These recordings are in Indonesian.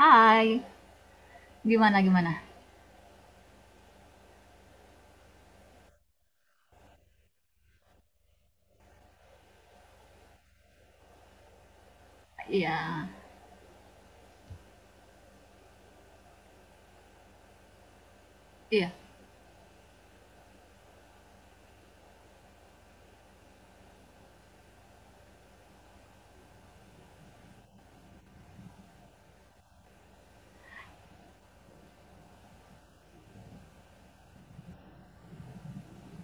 Hai, gimana gimana? Iya, iya.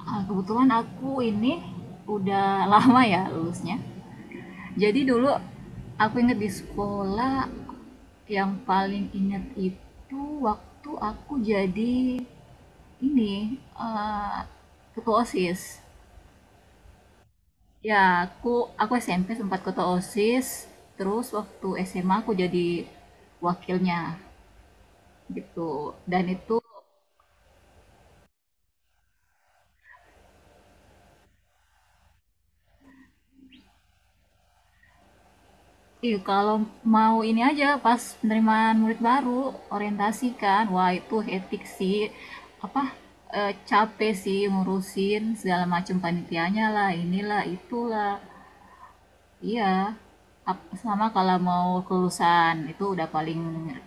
Ah, kebetulan aku ini udah lama ya lulusnya. Jadi dulu aku inget di sekolah, yang paling inget itu waktu aku jadi ini eh, ketua OSIS. Ya, aku aku SMP sempat ketua OSIS, terus waktu SMA aku jadi wakilnya gitu. Dan itu, iya, kalau mau ini aja pas penerimaan murid baru, orientasi kan. Wah, itu etik sih. Apa capek sih ngurusin segala macam panitianya lah, inilah, itulah. Iya. Sama kalau mau kelulusan itu udah paling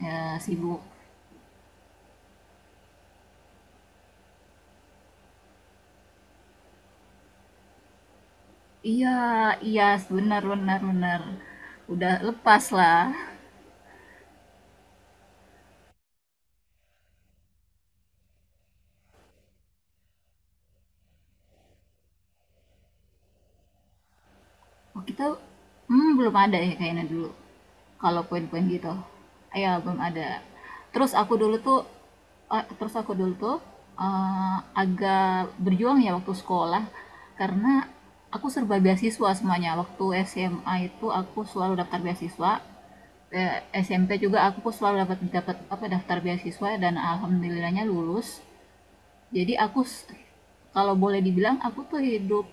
sibuk. Iya, iya, benar benar benar. Udah lepas lah. Oh, kita, hmm, belum ada ya kayaknya dulu. Kalau poin-poin gitu. Ya, belum ada. Terus aku dulu tuh Terus aku dulu tuh eh, agak berjuang ya waktu sekolah karena aku serba beasiswa semuanya. Waktu SMA itu aku selalu daftar beasiswa. Eh, SMP juga aku selalu dapat dapat apa daftar beasiswa dan alhamdulillahnya lulus. Jadi aku, kalau boleh dibilang aku tuh hidup,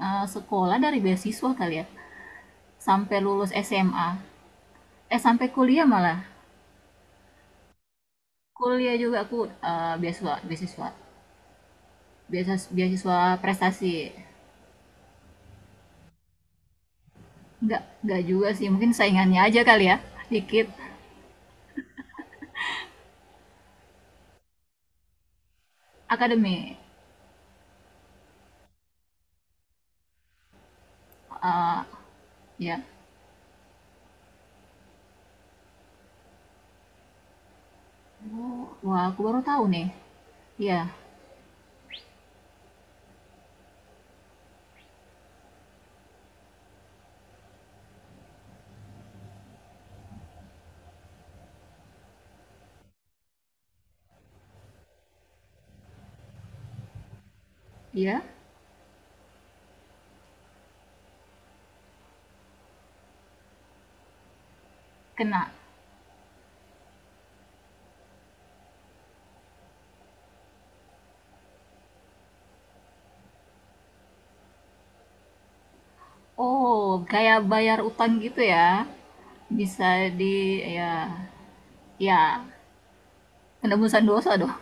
sekolah dari beasiswa kali ya sampai lulus SMA, eh sampai kuliah malah. Kuliah juga aku beasiswa, beasiswa beasiswa prestasi. Nggak juga sih, mungkin saingannya aja kali ya dikit. Akademi. Eh, ya. Oh, wah aku baru tahu nih. Iya, iya, kena. Oh, kayak bayar utang gitu ya. Bisa di, ya, ya, penebusan dosa dong.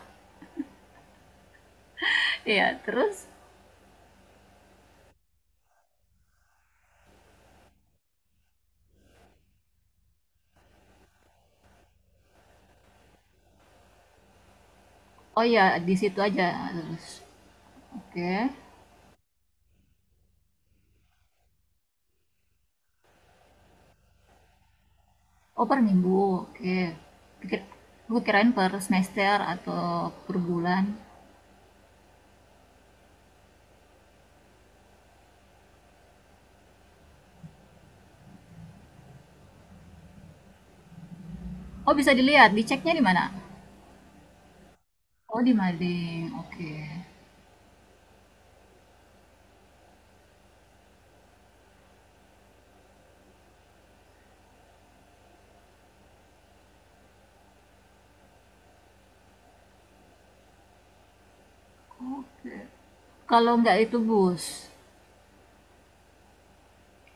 Iya, terus, oh iya, di situ aja. Terus, oke. Oh, per minggu. Oke. Pikir, gue kirain per semester atau per bulan. Oh, bisa dilihat. Diceknya di mana? Oh, di Mading. Oke. Oke. Kalau nggak itu bus.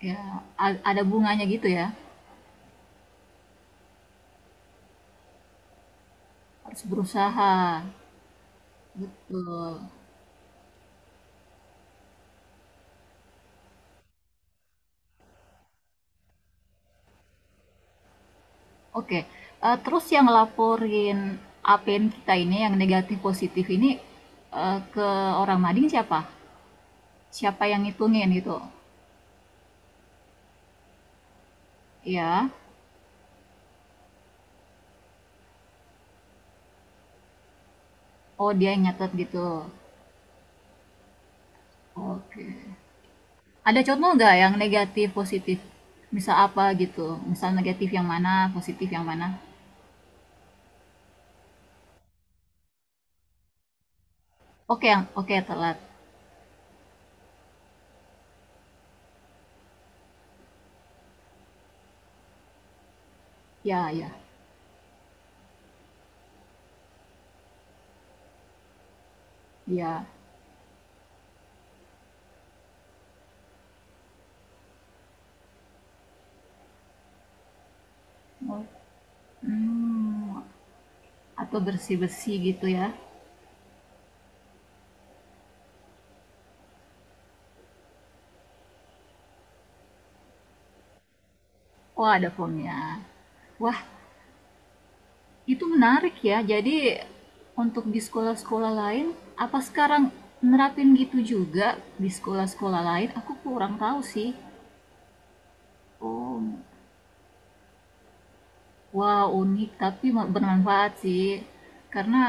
Ya, ada bunganya gitu ya. Harus berusaha. Betul. Oke. Eh, terus yang laporin APN kita ini yang negatif positif ini, ke orang Mading siapa? Siapa yang ngitungin gitu? Ya. Oh, dia yang nyatet gitu. Oke. Ada contoh nggak yang negatif, positif? Misal apa gitu? Misal negatif yang mana, positif yang mana? Oke, yang oke telat. Ya, ya, ya. Oh, hmm, atau bersih-bersih gitu ya. Wah, ada formnya. Wah, itu menarik ya. Jadi untuk di sekolah-sekolah lain, apa sekarang nerapin gitu juga di sekolah-sekolah lain? Aku kurang tahu sih. Wah, unik tapi me bermanfaat sih. Karena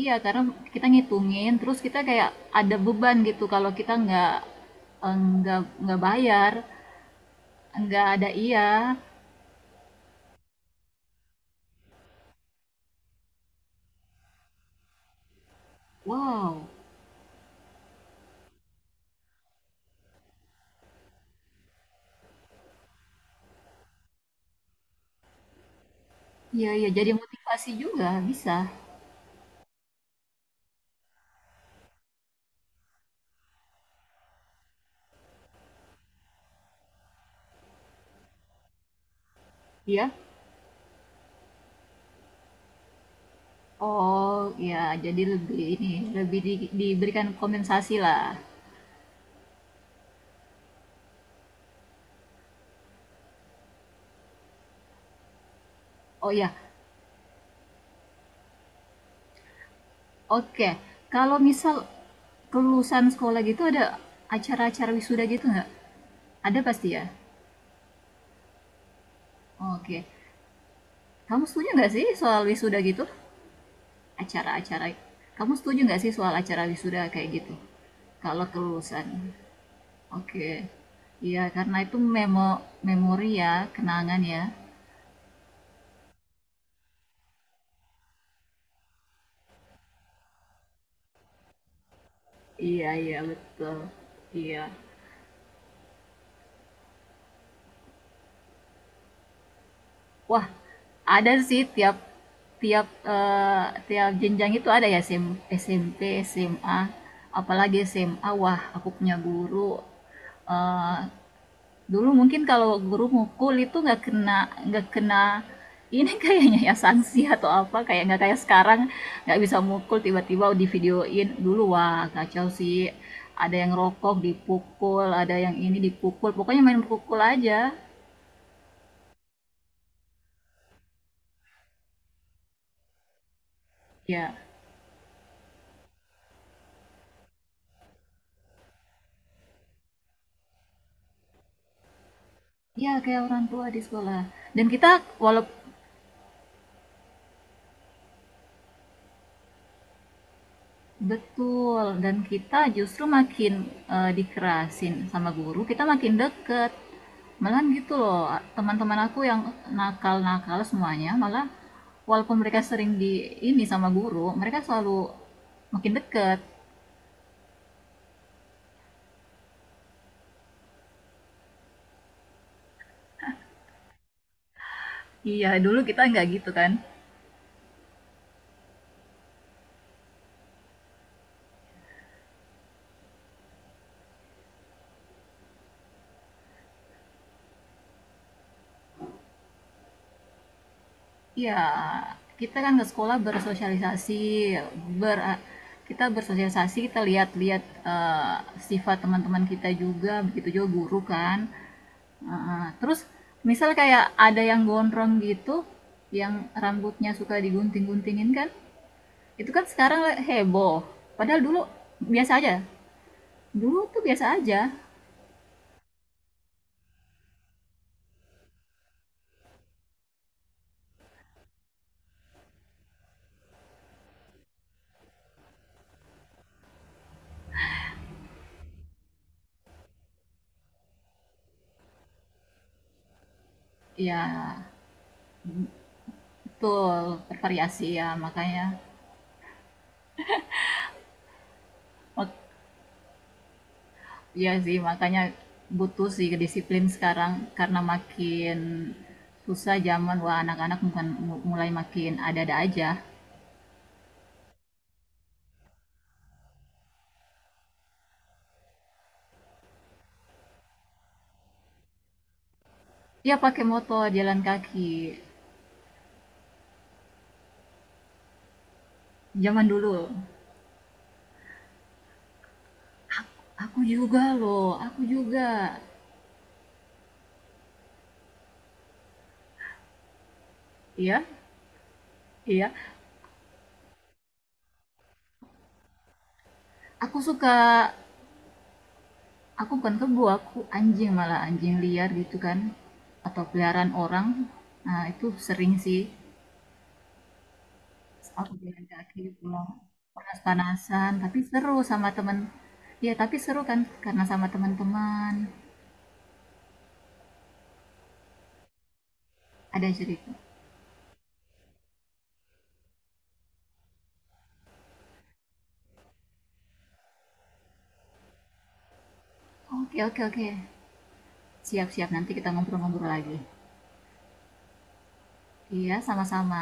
iya, karena kita ngitungin, terus kita kayak ada beban gitu kalau kita nggak, eee, nggak nggak bayar, nggak ada iya. Wow, iya iya, jadi motivasi juga, bisa, iya? Oh, iya, jadi lebih ini, lebih di diberikan kompensasi lah. Oh iya, oke, kalau misal kelulusan sekolah gitu ada acara-acara wisuda gitu nggak? Ada pasti ya? Oke. Kamu setuju nggak sih soal wisuda gitu? Acara-acara. Kamu setuju nggak sih soal acara wisuda kayak gitu? Kalau kelulusan. Oke. Iya, karena itu memo memori ya, kenangan ya. Iya, iya, betul. Iya. Wah, ada sih tiap tiap eh, tiap jenjang itu ada ya SM, SMP, SMA, apalagi SMA. Wah, aku punya guru, eh, dulu mungkin kalau guru mukul itu nggak kena, nggak kena ini kayaknya ya sanksi atau apa, kayak nggak kayak sekarang, nggak bisa mukul tiba-tiba divideoin. Dulu wah kacau sih, ada yang rokok dipukul, ada yang ini dipukul, pokoknya main pukul aja. Ya, ya kayak orang tua di sekolah. Dan kita walaupun betul, dan kita justru makin dikerasin sama guru, kita makin deket. Malah gitu loh, teman-teman aku yang nakal-nakal semuanya, malah walaupun mereka sering di ini sama guru, mereka selalu makin deket. Iya, dulu kita nggak gitu kan. Iya, kita kan ke sekolah bersosialisasi, ber kita bersosialisasi, kita lihat-lihat eh, sifat teman-teman kita juga, begitu juga guru kan. Heeh. Terus misal kayak ada yang gondrong gitu, yang rambutnya suka digunting-guntingin kan, itu kan sekarang heboh. Padahal dulu biasa aja. Dulu tuh biasa aja. Ya, betul. Bervariasi ya, makanya. Mak- Iya sih, makanya butuh sih disiplin sekarang. Karena makin susah zaman, wah anak-anak bukan mulai makin ada-ada aja. Ya pakai motor, jalan kaki. Zaman dulu. Aku juga loh, aku juga. Iya, iya. Aku suka aku bukan kebo, aku anjing malah, anjing liar gitu kan, atau peliharaan orang. Nah itu sering sih, aku jalan kaki pulang panas-panasan tapi seru sama temen, ya tapi seru kan karena sama teman-teman. Ada cerita. Oke oke oke, siap-siap nanti kita ngobrol-ngobrol lagi. Iya sama-sama.